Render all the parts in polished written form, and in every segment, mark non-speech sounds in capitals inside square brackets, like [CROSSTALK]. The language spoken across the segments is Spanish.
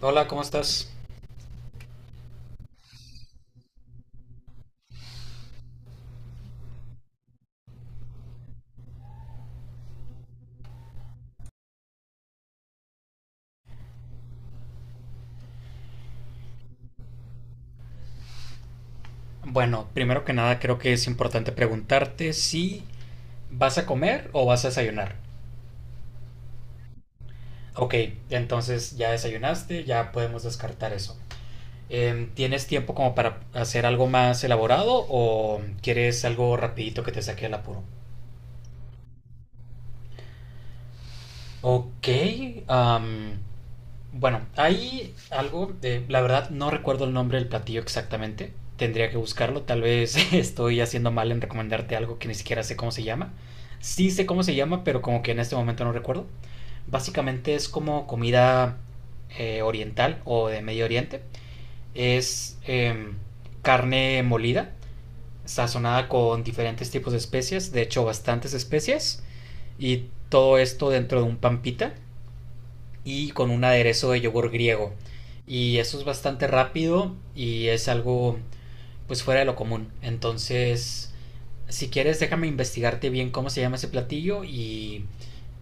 Hola, ¿cómo estás? Bueno, primero que nada creo que es importante preguntarte si vas a comer o vas a desayunar. Ok, entonces ya desayunaste, ya podemos descartar eso. ¿Tienes tiempo como para hacer algo más elaborado o quieres algo rapidito que te saque el apuro? Ok, am, bueno, hay algo de, la verdad no recuerdo el nombre del platillo exactamente. Tendría que buscarlo. Tal vez [LAUGHS] estoy haciendo mal en recomendarte algo que ni siquiera sé cómo se llama. Sí sé cómo se llama, pero como que en este momento no recuerdo. Básicamente es como comida oriental o de Medio Oriente. Es carne molida, sazonada con diferentes tipos de especias, de hecho bastantes especias, y todo esto dentro de un pampita y con un aderezo de yogur griego. Y eso es bastante rápido y es algo pues fuera de lo común. Entonces, si quieres, déjame investigarte bien cómo se llama ese platillo y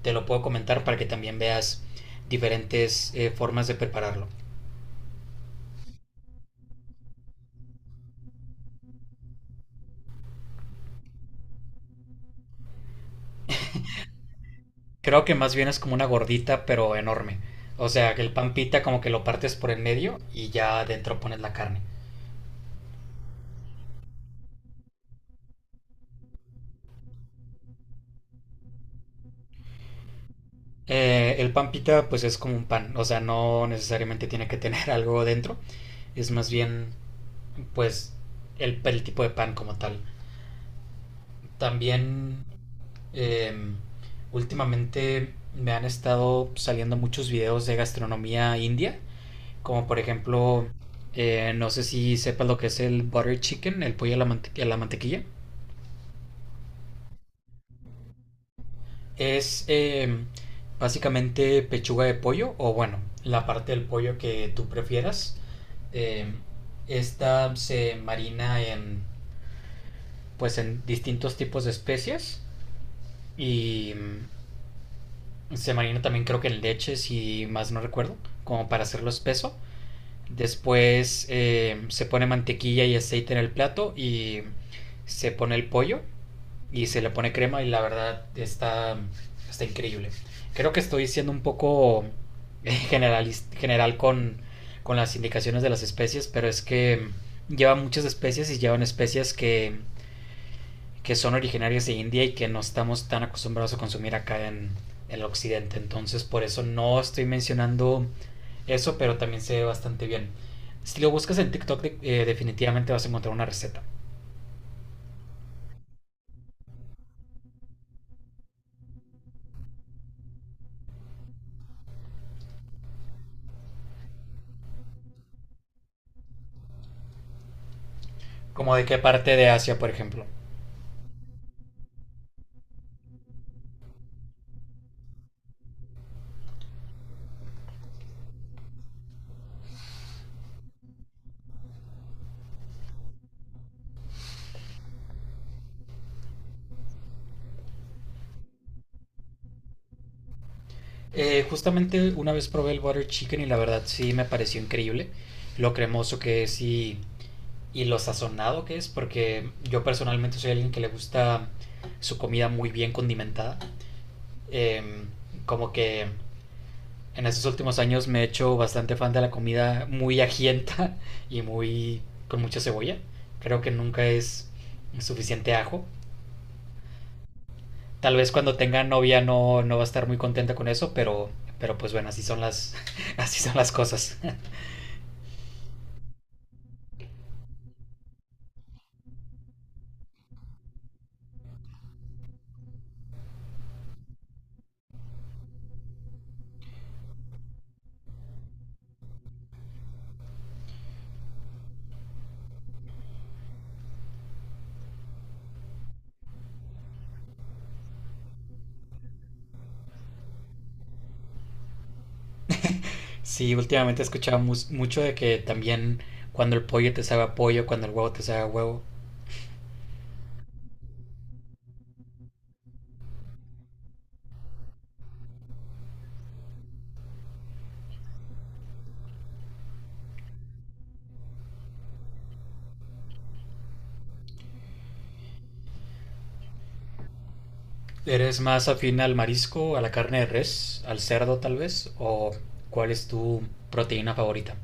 te lo puedo comentar para que también veas diferentes formas de prepararlo. Creo que más bien es como una gordita pero enorme. O sea, que el pan pita como que lo partes por el medio y ya adentro pones la carne. El pan pita pues es como un pan, o sea, no necesariamente tiene que tener [LAUGHS] algo dentro, es más bien pues el tipo de pan como tal. También eh, últimamente me han estado saliendo muchos videos de gastronomía india, como por ejemplo, no sé si sepas lo que es el butter chicken, el pollo a la, a la mantequilla. Es básicamente pechuga de pollo o bueno, la parte del pollo que tú prefieras. Eh, esta se marina en pues en distintos tipos de especias y se marina también creo que en leche, si más no recuerdo, como para hacerlo espeso. Después se pone mantequilla y aceite en el plato y se pone el pollo y se le pone crema y la verdad está increíble. Creo que estoy siendo un poco general con las indicaciones de las especies, pero es que lleva muchas especies y llevan especies que son originarias de India y que no estamos tan acostumbrados a consumir en el occidente. Entonces, por eso no estoy mencionando eso, pero también se ve bastante bien. Si lo buscas en TikTok, definitivamente vas a encontrar una receta. ¿Como de qué parte de Asia, por ejemplo? Justamente una vez probé el butter chicken y la verdad sí me pareció increíble. Lo cremoso que y lo sazonado que es, porque yo personalmente soy alguien que le gusta su comida muy bien condimentada. Eh, como que en estos últimos años me he hecho bastante fan de la comida muy ajienta y muy con mucha cebolla. Creo que nunca es suficiente ajo. Tal vez cuando tenga novia no, no va a estar muy contenta con eso, pero pues bueno, [LAUGHS] así son las cosas. [LAUGHS] Sí, últimamente he escuchado mucho de que también cuando el pollo te sabe a pollo, cuando el huevo te sabe a huevo. ¿Eres más afín al marisco, a la carne de res, al cerdo tal vez? ¿O cuál es tu proteína favorita?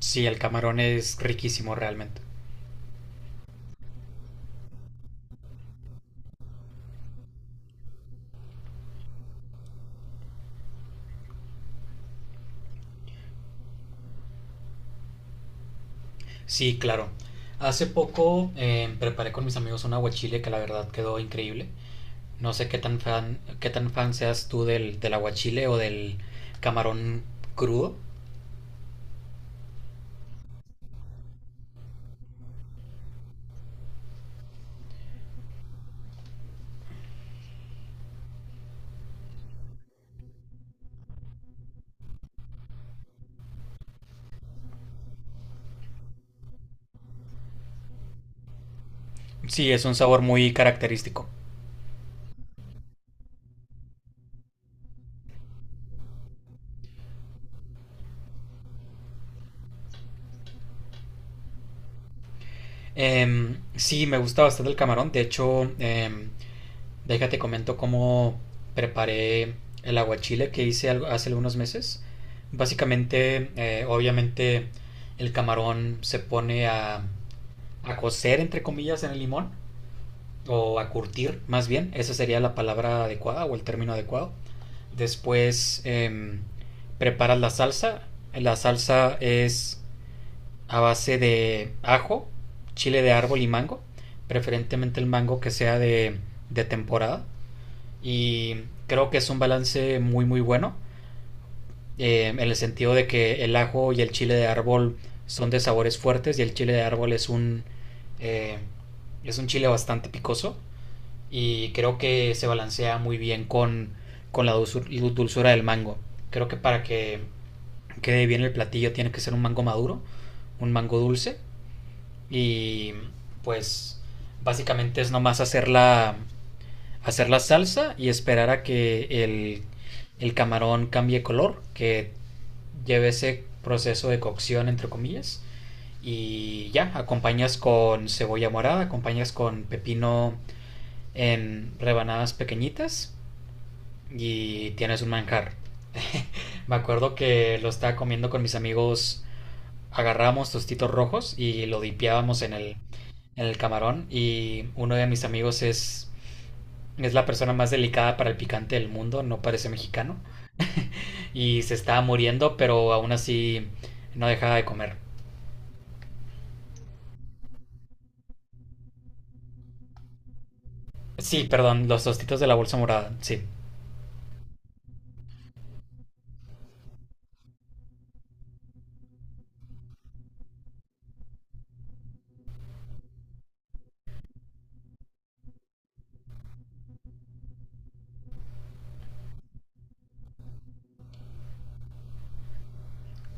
Sí, el camarón es riquísimo realmente. Sí, claro. Hace poco preparé con mis amigos un aguachile que la verdad quedó increíble. No sé qué tan fan seas tú del aguachile o del camarón crudo. Sí, es un sabor muy característico. Sí, me gusta bastante el camarón. De hecho, déjate comento cómo preparé el aguachile que hice hace algunos meses. Básicamente, obviamente, el camarón se pone a cocer, entre comillas, en el limón, o a curtir, más bien. Esa sería la palabra adecuada o el término adecuado. Después preparas la salsa. La salsa es a base de ajo, chile de árbol y mango, preferentemente el mango que sea de temporada. Y creo que es un balance muy muy bueno, en el sentido de que el ajo y el chile de árbol son de sabores fuertes y el chile de árbol eh, es un chile bastante picoso y creo que se balancea muy bien con la dulzura del mango. Creo que para que quede bien el platillo tiene que ser un mango maduro, un mango dulce y pues básicamente es nomás hacer la salsa y esperar a que el camarón cambie color, que lleve ese proceso de cocción, entre comillas. Y ya, acompañas con cebolla morada, acompañas con pepino en rebanadas pequeñitas y tienes un manjar. Me acuerdo que lo estaba comiendo con mis amigos, agarrábamos tostitos rojos y lo dipeábamos en el camarón y uno de mis amigos es la persona más delicada para el picante del mundo, no parece mexicano. Y se está muriendo, pero aún así no deja de comer. Sí, perdón, los tostitos de la bolsa morada, sí.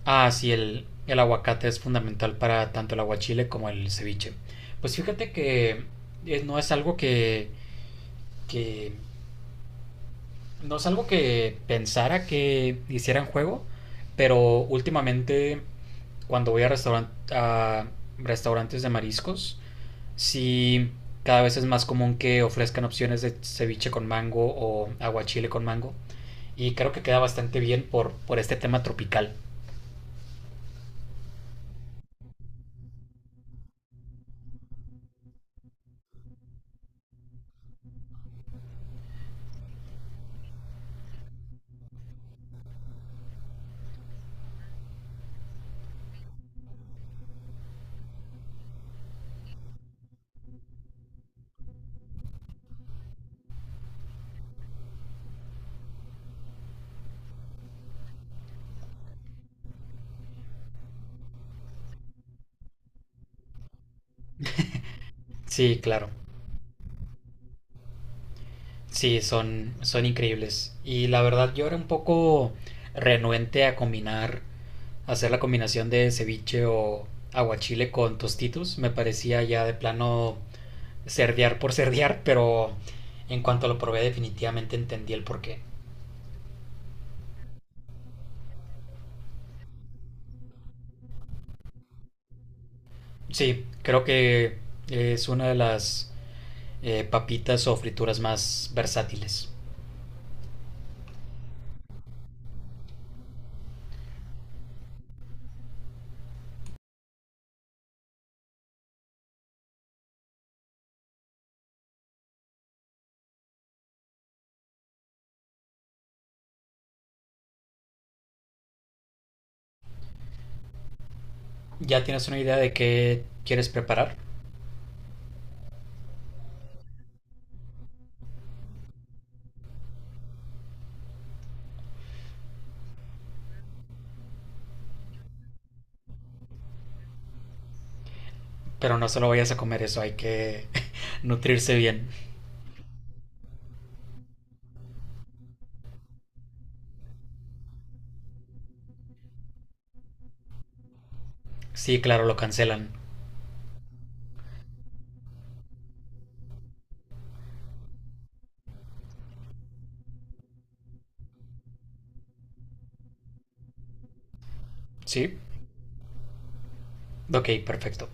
Ah, sí, el aguacate es fundamental para tanto el aguachile como el ceviche. Pues fíjate que no es algo que no es algo que pensara que hicieran juego, pero últimamente cuando voy a, restaurantes de mariscos. Sí, cada vez es más común que ofrezcan opciones de ceviche con mango o aguachile con mango. Y creo que queda bastante bien por este tema tropical. Sí, claro. Sí, son increíbles. Y la verdad yo era un poco renuente a combinar, hacer la combinación de ceviche o aguachile con tostitos. Me parecía ya de plano cerdear por [LAUGHS] cerdear, pero en cuanto lo probé definitivamente entendí el porqué. Sí, creo que es una de las papitas o frituras más versátiles. ¿Ya tienes una idea de qué quieres preparar? Pero no solo vayas a comer eso, hay que [LAUGHS] nutrirse bien. Sí, claro, lo cancelan. Sí, ok, perfecto.